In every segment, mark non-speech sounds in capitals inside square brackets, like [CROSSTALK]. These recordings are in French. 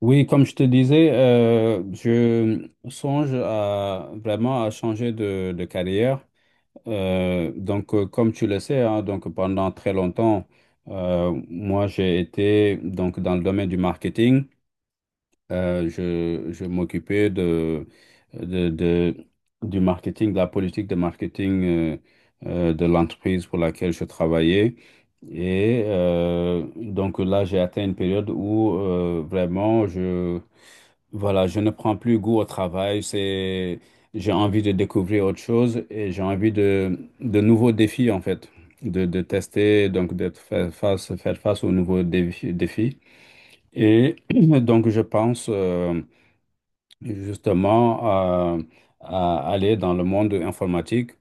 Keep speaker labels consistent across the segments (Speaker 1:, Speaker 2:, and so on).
Speaker 1: Oui, comme je te disais, je songe à vraiment à changer de carrière. Comme tu le sais, hein, donc pendant très longtemps, moi j'ai été donc dans le domaine du marketing. Je m'occupais de, de- du marketing, de la politique de marketing de l'entreprise pour laquelle je travaillais. Et donc là, j'ai atteint une période où vraiment je voilà, je ne prends plus goût au travail, c'est, j'ai envie de découvrir autre chose et j'ai envie de nouveaux défis en fait, de tester, donc de faire face aux défis. Et [CLEARS THROAT] donc je pense, justement à aller dans le monde informatique.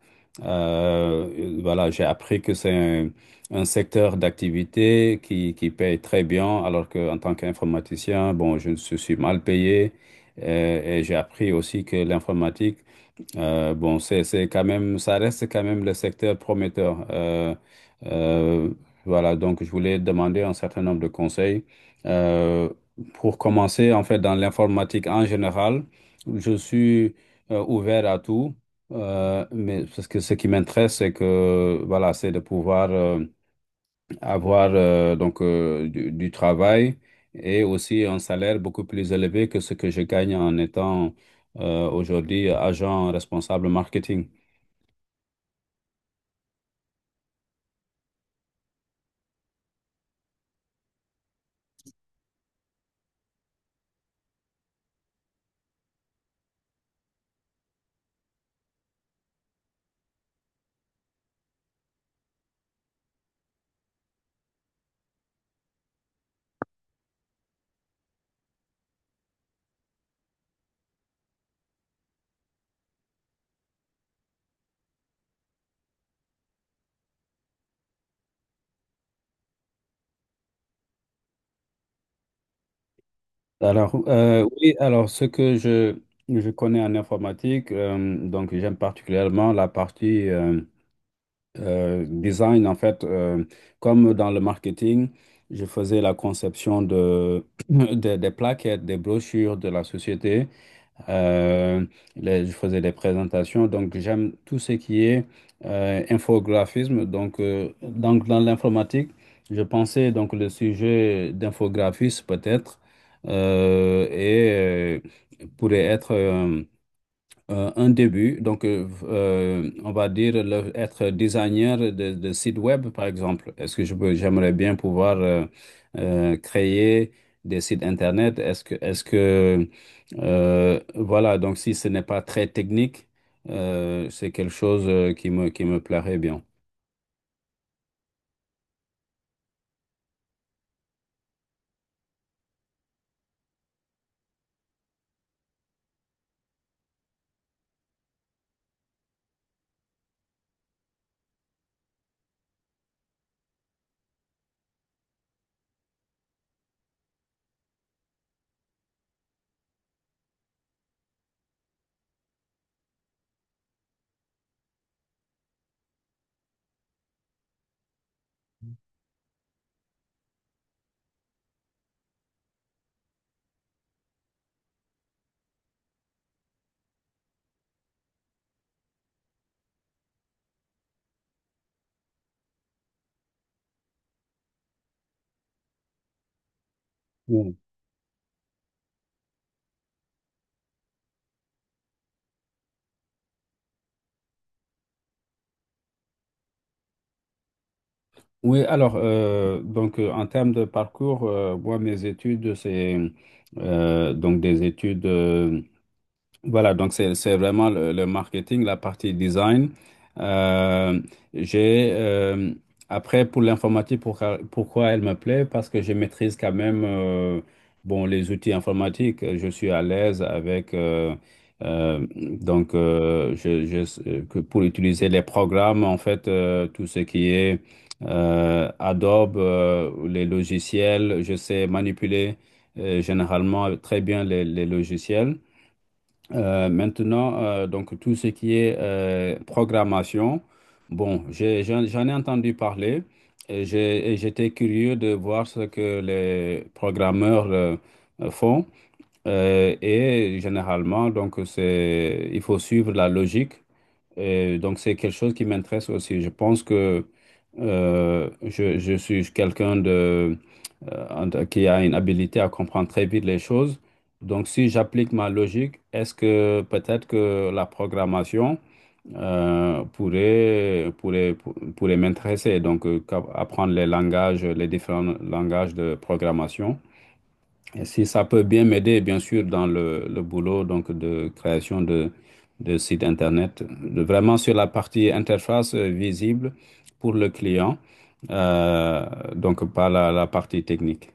Speaker 1: Voilà, j'ai appris que c'est un secteur d'activité qui paye très bien, alors qu'en tant qu'informaticien, bon, je suis mal payé. Et j'ai appris aussi que l'informatique, bon, c'est quand même, ça reste quand même le secteur prometteur. Euh, voilà, donc je voulais demander un certain nombre de conseils. Euh, pour commencer, en fait, dans l'informatique en général, je suis ouvert à tout, mais parce que ce qui m'intéresse, c'est que, voilà, c'est de pouvoir avoir du travail et aussi un salaire beaucoup plus élevé que ce que je gagne en étant aujourd'hui agent responsable marketing. Alors, oui, alors ce que je connais en informatique, donc j'aime particulièrement la partie design, en fait, comme dans le marketing, je faisais la conception [COUGHS] [CLEARS THROAT] des plaquettes, des brochures de la société. euh, je faisais des présentations. Donc, j'aime tout ce qui est infographisme. Donc, dans l'informatique, je pensais donc le sujet d'infographiste peut-être euh, et pourrait être un début. Donc, on va dire être designer de site web, par exemple. Est-ce que je peux, j'aimerais bien pouvoir créer des sites internet? Voilà, donc si ce n'est pas très technique, c'est quelque chose qui me plairait bien. Oui, oui, alors, en termes de parcours, moi, mes études, c'est donc des études. Voilà, donc c'est vraiment le marketing, la partie design. Euh, j'ai après pour l'informatique, pourquoi elle me plaît? Parce que je maîtrise quand même bon les outils informatiques. Je suis à l'aise avec que pour utiliser les programmes en fait tout ce qui est Adobe, les logiciels, je sais manipuler généralement très bien les logiciels. Maintenant, donc tout ce qui est programmation, bon, j'en ai entendu parler et et j'étais curieux de voir ce que les programmeurs font. Et généralement, donc c'est, il faut suivre la logique. Et donc c'est quelque chose qui m'intéresse aussi. Je pense que je suis quelqu'un en qui a une habilité à comprendre très vite les choses. Donc, si j'applique ma logique, est-ce que peut-être que la programmation pourrait m'intéresser, donc apprendre les langages, les différents langages de programmation. Et si ça peut bien m'aider, bien sûr, dans le boulot donc de création de sites Internet, vraiment sur la partie interface visible pour le client, euh, donc pas la partie technique.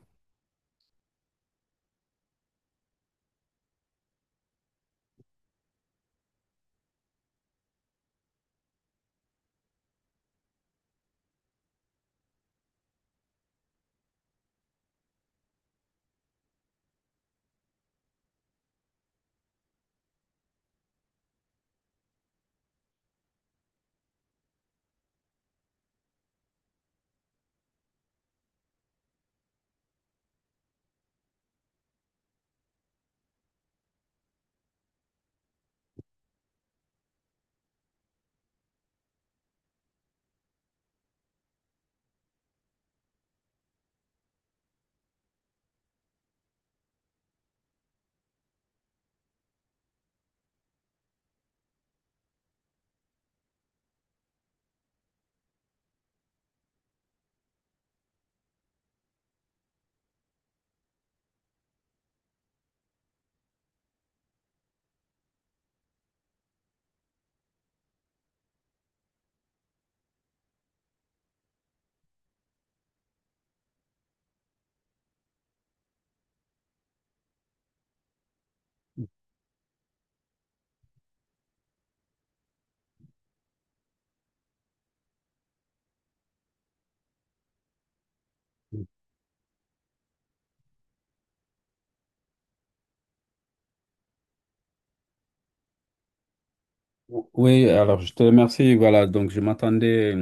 Speaker 1: Oui, alors je te remercie. Voilà, donc je m'attendais,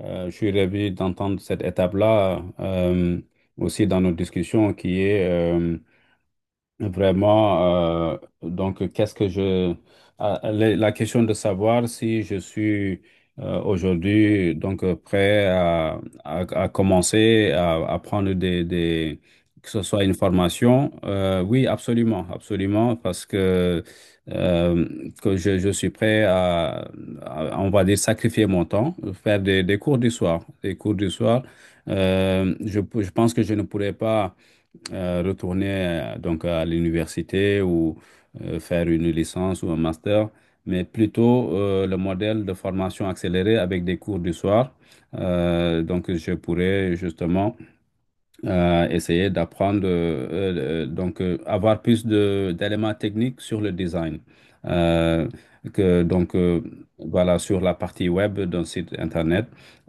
Speaker 1: je suis ravi d'entendre cette étape-là aussi dans nos discussions qui est vraiment, donc qu'est-ce que je... ah, la question de savoir si je suis aujourd'hui donc prêt à commencer à prendre des... que ce soit une formation, oui, absolument, absolument, parce que, euh, je suis prêt à, on va dire, sacrifier mon temps, faire des cours du soir, des cours du soir. Je je pense que je ne pourrais pas retourner donc à l'université ou faire une licence ou un master, mais plutôt le modèle de formation accélérée avec des cours du soir. Donc, je pourrais justement à essayer d'apprendre, avoir plus de d'éléments techniques sur le design. Euh, que, donc Voilà, sur la partie web d'un site Internet.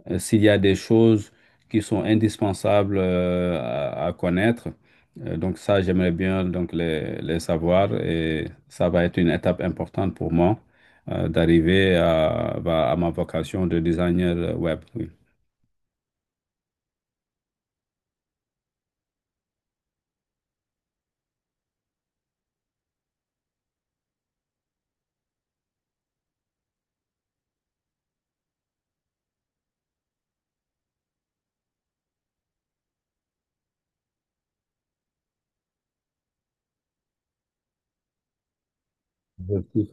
Speaker 1: S'il y a des choses qui sont indispensables à connaître, donc ça, j'aimerais bien donc les savoir et ça va être une étape importante pour moi d'arriver à, bah, à ma vocation de designer web. Oui. Objectif,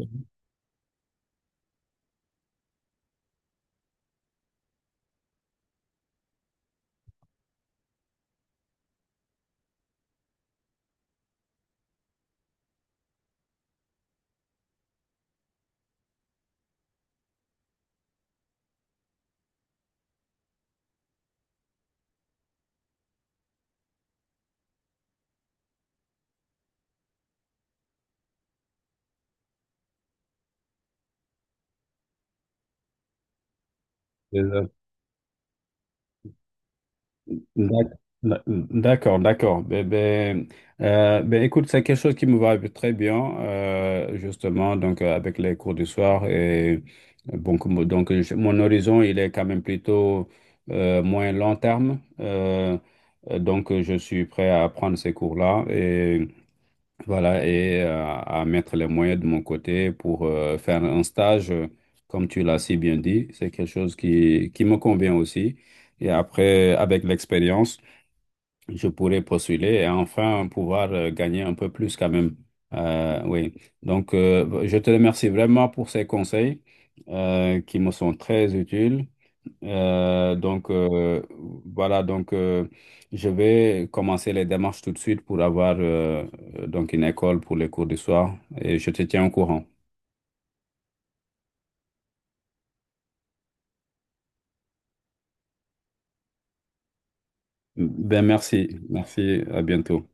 Speaker 1: les D'ac- d'accord, d'accord. Ben, ben, ben, écoute, c'est quelque chose qui me va très bien, justement, donc avec les cours du soir. Et, bon, donc, mon horizon, il est quand même plutôt moins long terme. Donc, je suis prêt à prendre ces cours-là et voilà, et à mettre les moyens de mon côté pour faire un stage, comme tu l'as si bien dit. C'est quelque chose qui me convient aussi. Et après, avec l'expérience, je pourrais postuler et enfin pouvoir gagner un peu plus quand même. Oui. Donc, je te remercie vraiment pour ces conseils qui me sont très utiles. Euh, donc, euh, voilà, donc je vais commencer les démarches tout de suite pour avoir donc une école pour les cours du soir et je te tiens au courant. Ben, merci, merci, à bientôt.